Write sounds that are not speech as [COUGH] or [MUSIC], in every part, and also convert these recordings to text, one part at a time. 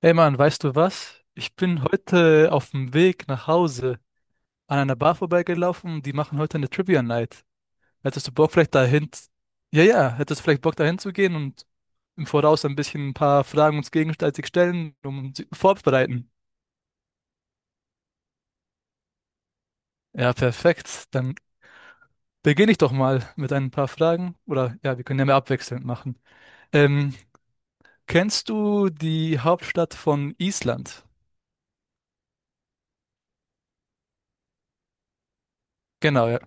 Hey Mann, weißt du was? Ich bin heute auf dem Weg nach Hause an einer Bar vorbeigelaufen, die machen heute eine Trivia Night. Hättest du Bock vielleicht dahin? Ja, ja, hättest du vielleicht Bock dahin zu gehen und im Voraus ein bisschen ein paar Fragen uns gegenseitig stellen, um sie vorzubereiten? Ja, perfekt. Dann beginne ich doch mal mit ein paar Fragen. Oder ja, wir können ja mehr abwechselnd machen. Ähm, Kennst du die Hauptstadt von Island? Genau, ja.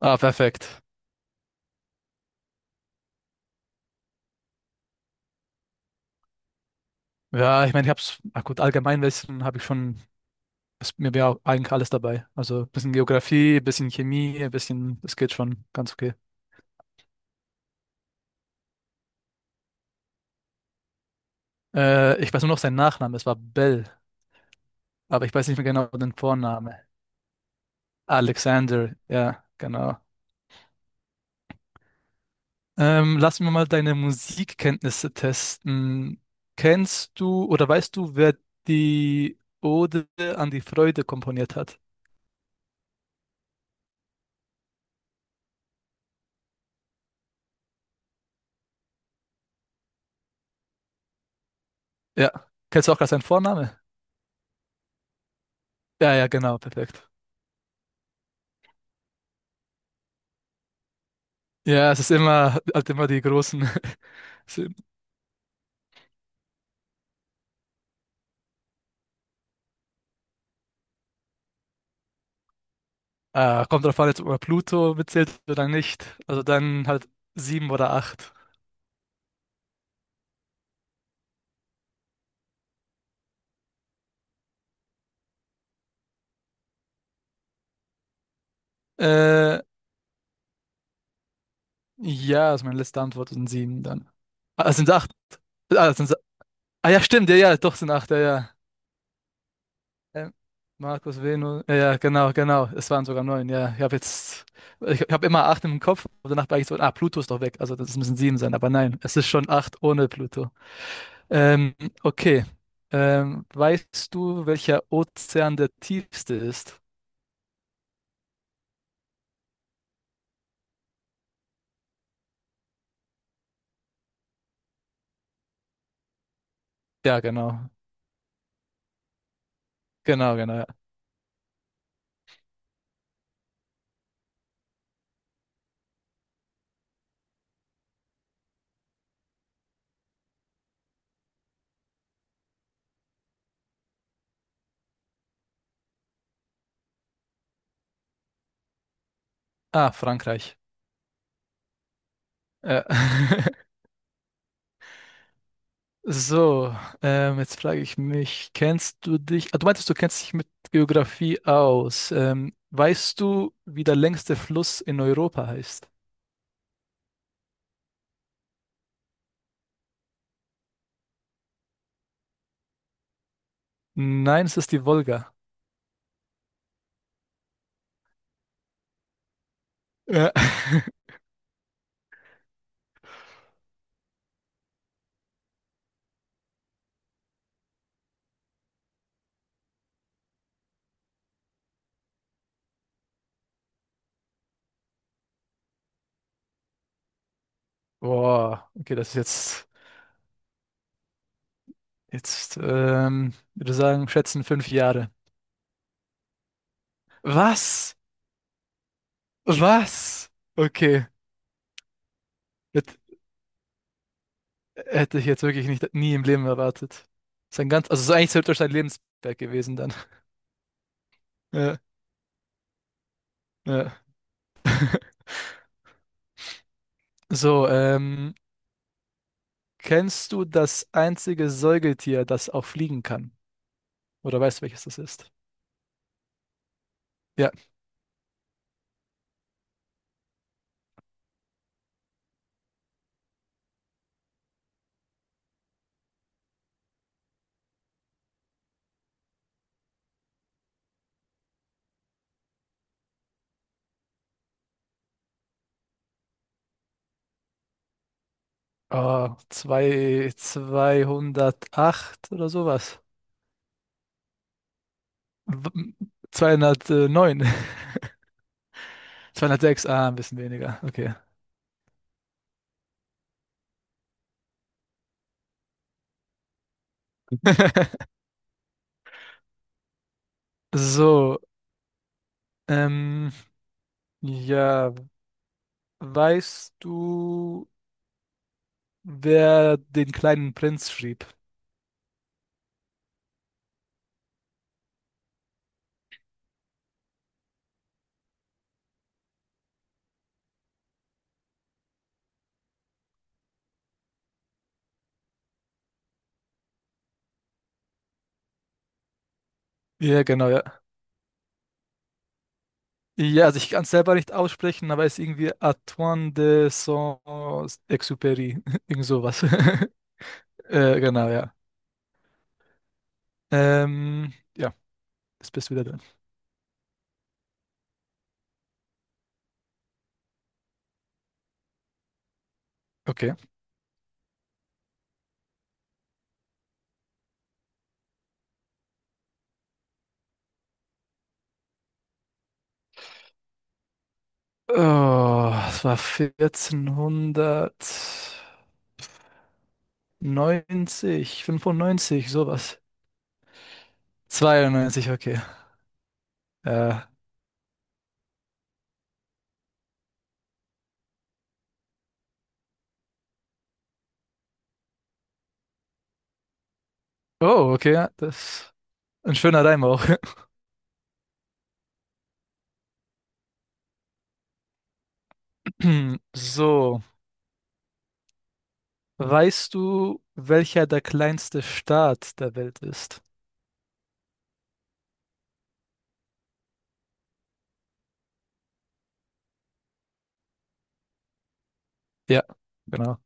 Ah, perfekt. Ja, ich meine, ich hab's, ach gut, Allgemeinwissen habe ich schon. Mir wäre eigentlich alles dabei. Also ein bisschen Geografie, ein bisschen Chemie, ein bisschen, das geht schon ganz okay. Ich weiß nur noch seinen Nachnamen, es war Bell, aber ich weiß nicht mehr genau den Vornamen. Alexander, ja, genau. Lass mir mal deine Musikkenntnisse testen. Kennst du oder weißt du, wer die Ode an die Freude komponiert hat? Ja. Kennst du auch gerade seinen Vornamen? Ja, ja, genau, perfekt. Ja, es ist immer, halt immer die großen. [LAUGHS] Kommt drauf an, jetzt, ob man Pluto mitzählt oder nicht. Also dann halt sieben oder acht. Äh, ja, also meine letzte Antwort sind sieben dann. Ah, es sind acht. Ah, es sind, ah ja, stimmt, ja, ja, doch sind acht, ja, ja. Ähm, Markus Venus, ja, ja, genau, genau. Es waren sogar neun, ja. Ich habe jetzt, ich habe immer acht im Kopf, aber danach war ich so, ah, Pluto ist doch weg, also das müssen sieben sein, aber nein, es ist schon acht ohne Pluto. Ähm, okay. Weißt du, welcher Ozean der tiefste ist? Ja, genau. Genau, genau. Ja. Ah, Frankreich. Ja. [LAUGHS] So, jetzt frage ich mich, kennst du dich, ah, du meintest, du kennst dich mit Geografie aus. Weißt du, wie der längste Fluss in Europa heißt? Nein, es ist die Wolga. Ja. [LAUGHS] Boah, okay, das ist jetzt, jetzt, würde sagen, schätzen 5 Jahre. Was? Was? Okay, das hätte ich jetzt wirklich nicht, nie im Leben erwartet. Sein ganz, also es ist eigentlich theoretisch sein Lebenswerk gewesen. Ja, ja. So, kennst du das einzige Säugetier, das auch fliegen kann? Oder weißt du, welches das ist? Ja. Oh, zwei, 208 oder sowas. W- 209. 206, [LAUGHS] ah, ein bisschen weniger. Okay. [LAUGHS] So, ähm, ja, weißt du, wer den kleinen Prinz schrieb? Ja, genau, ja. Ja, also ich kann es selber nicht aussprechen, aber es ist irgendwie Antoine de Saint-Exupéry. [LAUGHS] Irgend sowas. [LAUGHS] Genau, ja. Ja, jetzt bist du wieder drin. Okay. Oh, es war 1490, 95, sowas. 92, okay. Äh, oh, okay, ja, das ein schöner Reim auch. [CLEARS THROAT] So, weißt du, welcher der kleinste Staat der Welt ist? Ja, genau.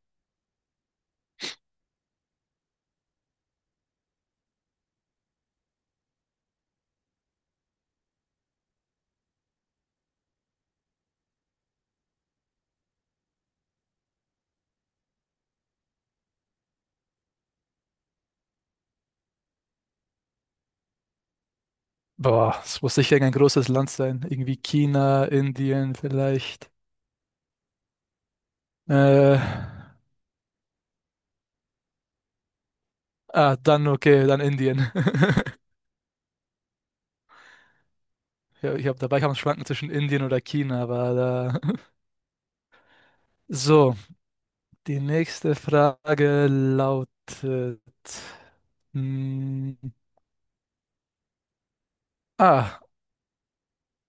Boah, es muss sicher ein großes Land sein. Irgendwie China, Indien vielleicht. Äh, ah, dann okay, dann Indien. [LAUGHS] Ja, ich habe dabei kann man schwanken zwischen Indien oder China, aber da. [LAUGHS] So, die nächste Frage lautet. mm, ah,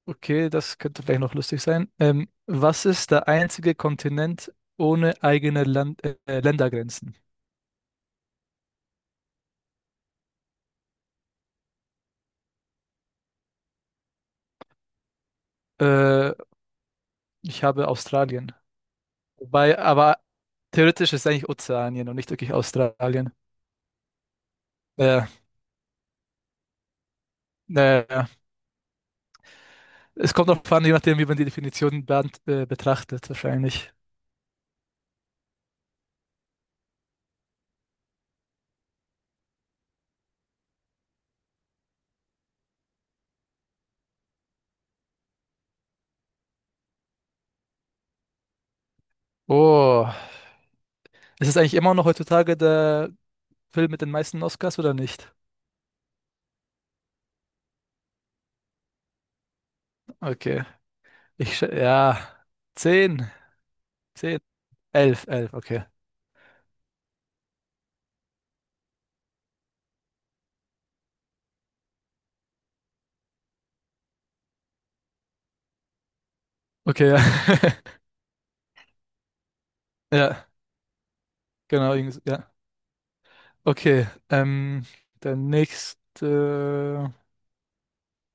okay, das könnte vielleicht noch lustig sein. Was ist der einzige Kontinent ohne eigene Land Ländergrenzen? Äh, Ich habe Australien. Wobei, aber theoretisch ist eigentlich Ozeanien und nicht wirklich Australien. Äh, naja, ja. Es kommt auch an, je nachdem, wie man die Definition betrachtet, wahrscheinlich. Oh, ist es eigentlich immer noch heutzutage der Film mit den meisten Oscars oder nicht? Okay, ja, 10, 10, 11, 11, okay. Okay, ja, [LAUGHS] ja, genau, irgendwie so, ja. Okay, der nächste,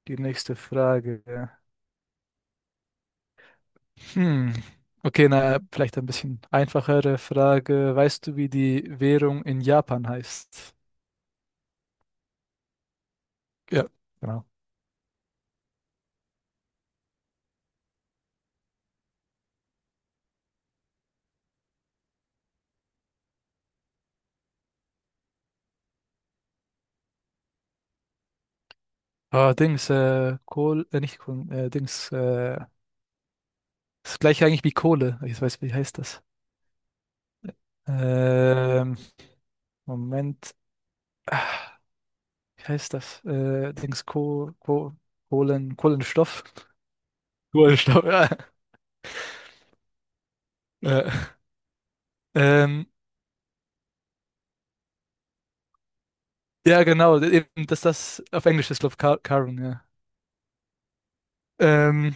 die nächste Frage. Ja. Hm. Okay, na, vielleicht ein bisschen einfachere Frage. Weißt du, wie die Währung in Japan heißt? Ja. Genau. Ah, Dings, Kohl, nicht Kohl, Dings, das gleiche eigentlich wie Kohle. Ich weiß, wie heißt das? Ähm, Moment. Ah, wie heißt das? Dings, Kohlenstoff? [LAUGHS] Kohlenstoff, ja. Äh, ähm, ja, genau, eben, dass das auf Englisch ist, glaube ich, Carbon, ja. Ähm,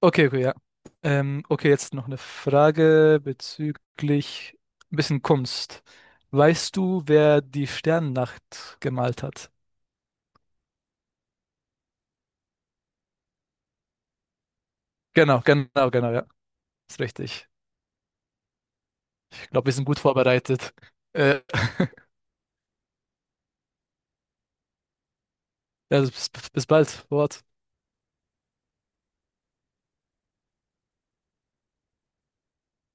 Okay, okay, ja. Okay, jetzt noch eine Frage bezüglich ein bisschen Kunst. Weißt du, wer die Sternennacht gemalt hat? Genau, genau, genau, ja. Ist richtig. Ich glaube, wir sind gut vorbereitet. Äh, [LAUGHS] ja, bis bald. Fort.